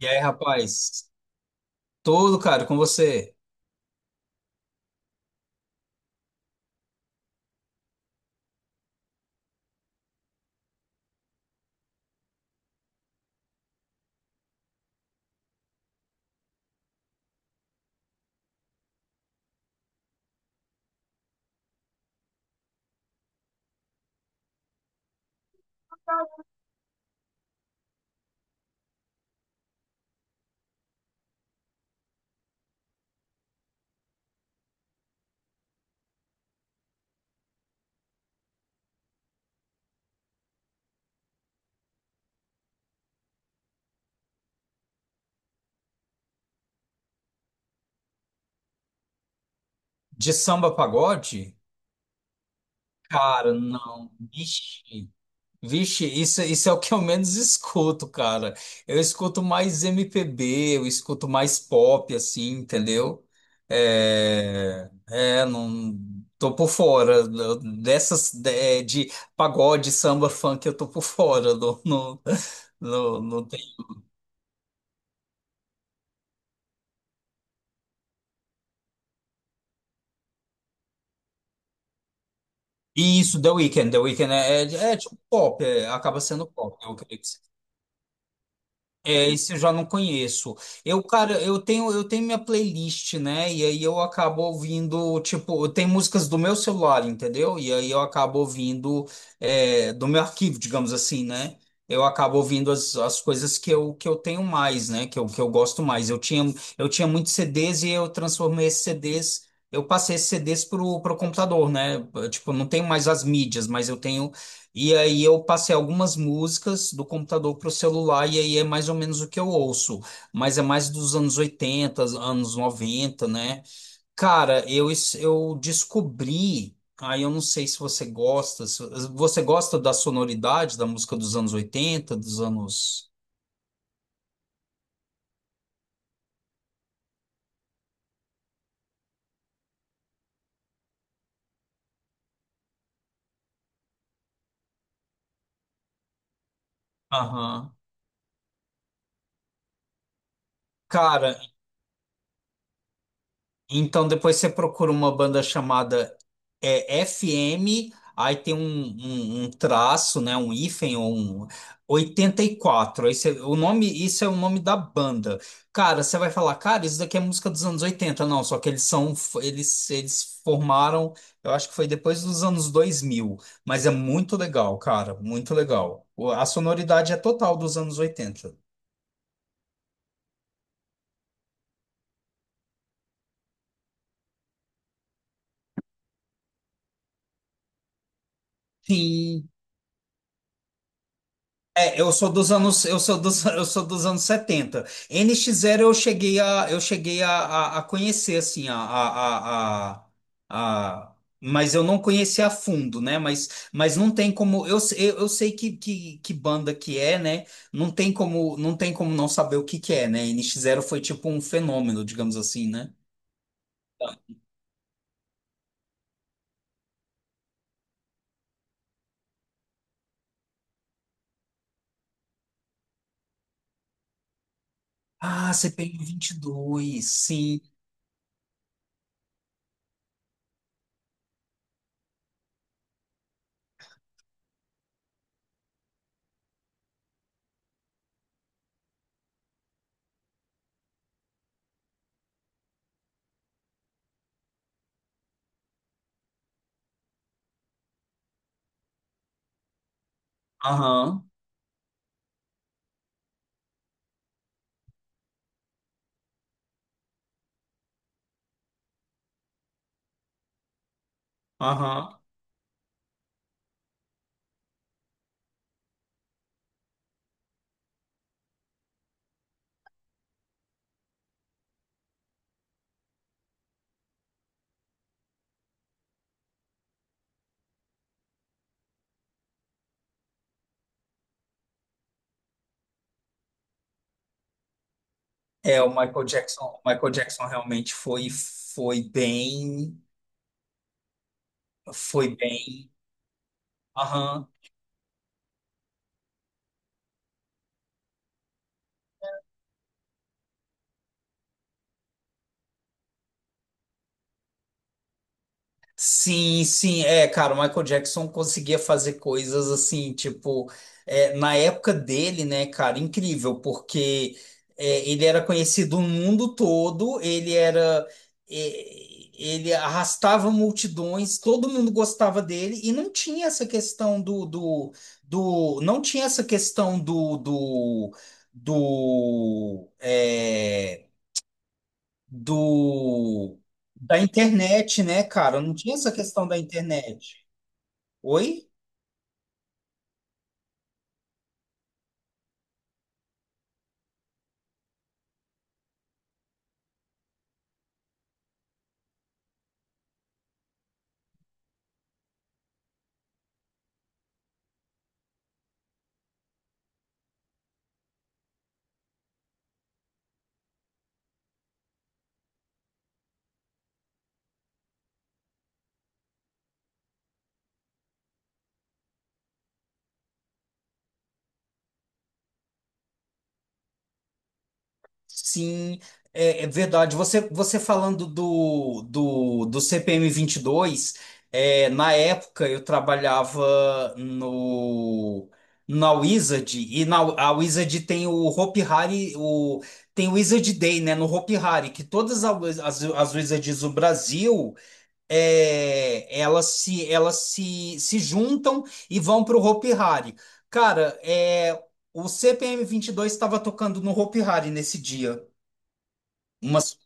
E aí, rapaz? Todo, cara, com você? De samba a pagode? Cara, não. Vixe. Vixe, isso é o que eu menos escuto, cara. Eu escuto mais MPB, eu escuto mais pop, assim, entendeu? É, não. Tô por fora dessas de pagode, samba, funk, eu tô por fora. Não, não, não, não tem. Isso, The Weeknd é tipo pop, é, acaba sendo pop, eu creio. É, esse eu já não conheço. Eu, cara, eu tenho minha playlist, né? E aí eu acabo ouvindo, tipo, eu tenho músicas do meu celular, entendeu? E aí eu acabo ouvindo, do meu arquivo, digamos assim, né? Eu acabo ouvindo as coisas que eu tenho mais, né? Que eu gosto mais. Eu tinha muitos CDs e eu transformei esses CDs, eu passei esses CDs pro computador, né? Tipo, eu não tenho mais as mídias, mas eu tenho, e aí eu passei algumas músicas do computador para o celular e aí é mais ou menos o que eu ouço, mas é mais dos anos oitenta, anos noventa, né? Cara, eu descobri, aí eu não sei se você gosta, você gosta da sonoridade da música dos anos oitenta, dos anos. Aham. Cara, então depois você procura uma banda chamada FM, aí tem um, um, um traço, né, um hífen ou um 84. Aí você, o nome, isso é o nome da banda. Cara, você vai falar, cara, isso daqui é música dos anos oitenta. Não, só que eles são eles formaram, eu acho que foi depois dos anos dois mil, mas é muito legal, cara, muito legal. A sonoridade é total dos anos oitenta. Sim. É, eu sou dos anos, eu sou dos anos setenta. N NX Zero eu cheguei a conhecer, assim a- mas eu não conheci a fundo, né? Mas não tem como eu, se- eu sei que banda que é, né? Não tem como, não tem como não saber o que que é, né? N NX Zero foi tipo um fenômeno, digamos assim, né? Ah, C P M 22, sim. Aham. Aham. É, o Michael Jackson realmente foi bem. Sim, sim, é, cara, o Michael Jackson conseguia fazer coisas assim, tipo, na época dele, né, cara, incrível, porque ele era conhecido no mundo todo, ele era, é, ele arrastava multidões, todo mundo gostava dele, e não tinha essa questão do não tinha essa questão do, é, do da internet, né, cara? Não tinha essa questão da internet. Oi? Sim, é verdade. Você falando do CPM dois, é, na época eu trabalhava no na Wizard, e na a Wizard tem o Hopi Hari, o tem o Wizard Day, né, no Hopi Hari, que todas as Wizards do Brasil, elas se juntam e vão para o Hopi Hari. Cara, é, o CPM dois estava tocando no Hopi Hari nesse dia. Umas,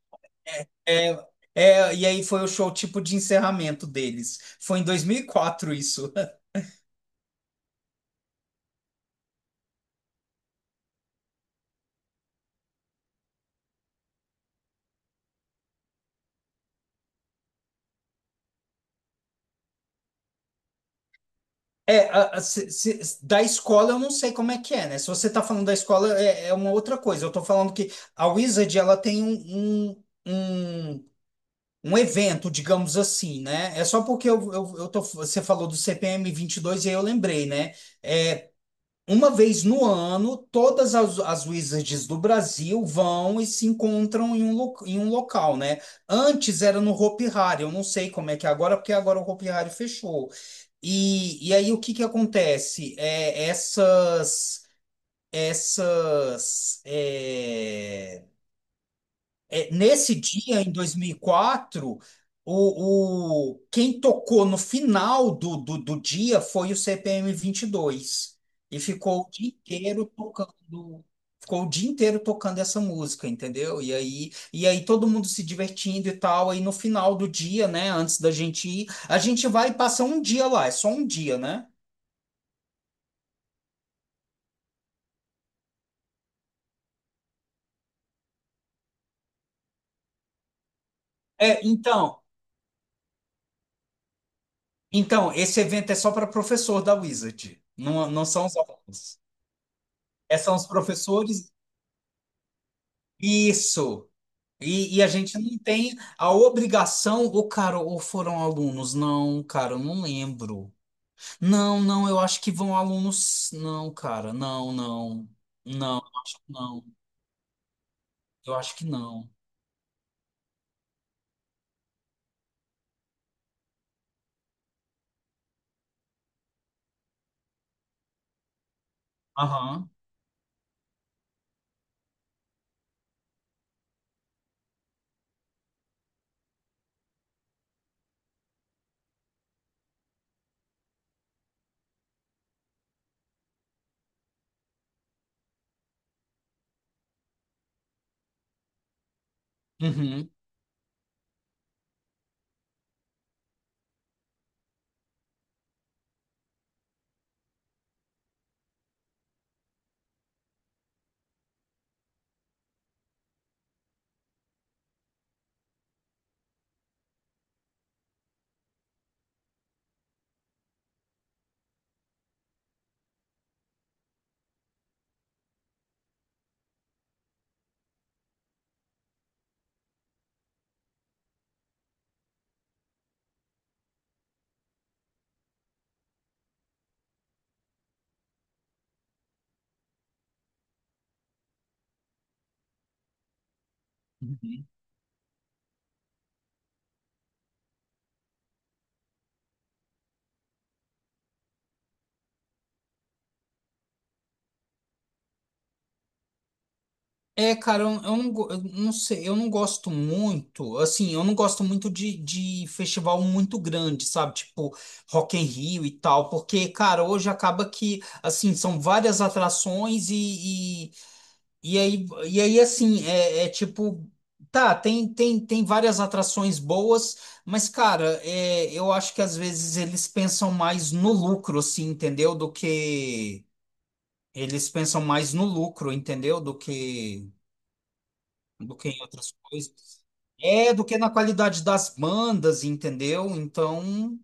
é, e aí foi o show tipo de encerramento deles. Foi em 2004 isso. É, da escola eu não sei como é que é, né? Se você tá falando da escola é uma outra coisa. Eu tô falando que a Wizard, ela tem um evento, digamos assim, né? É só porque eu tô, você falou do CPM 22 e dois e aí eu lembrei, né? É, uma vez no ano, todas as Wizards do Brasil vão e se encontram em um local, né? Antes era no Hopi Hari, eu não sei como é que é agora, porque agora o Hopi Hari fechou. E aí, o que que acontece? É, essas. Essas, é, nesse dia, em 2004, quem tocou no final do dia foi o CPM 22. E dois. E ficou o dia inteiro tocando, ficou o dia inteiro tocando essa música, entendeu? E aí, todo mundo se divertindo e tal. Aí no final do dia, né, antes da gente ir, a gente vai e passa um dia lá, é só um dia, né? É, então, esse evento é só para professor da Wizard, não, não são os alunos. É, são os professores. Isso. E a gente não tem a obrigação, ou cara, ou foram alunos? Não, cara, eu não lembro. Não, não, eu acho que vão alunos. Não, cara, não, não. Não, eu acho que não. Eu acho que não. Aham. Uhum. Uhum. É, cara, eu não sei, eu não gosto muito, assim, eu não gosto muito de festival muito grande, sabe? Tipo, Rock in Rio e tal, porque, cara, hoje acaba que, assim, são várias atrações e, e aí assim, é tipo, tá, tem várias atrações boas, mas, cara, é, eu acho que às vezes eles pensam mais no lucro, assim, entendeu? Do que. Eles pensam mais no lucro, entendeu? Do que em outras coisas. É, do que na qualidade das bandas, entendeu? Então.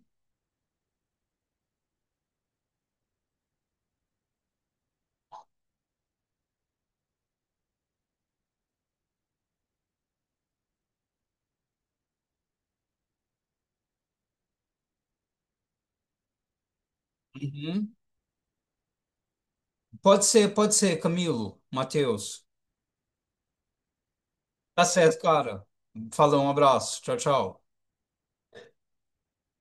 Uhum. Pode ser, Camilo, Matheus. Tá certo, cara. Falou, um abraço. Tchau, tchau.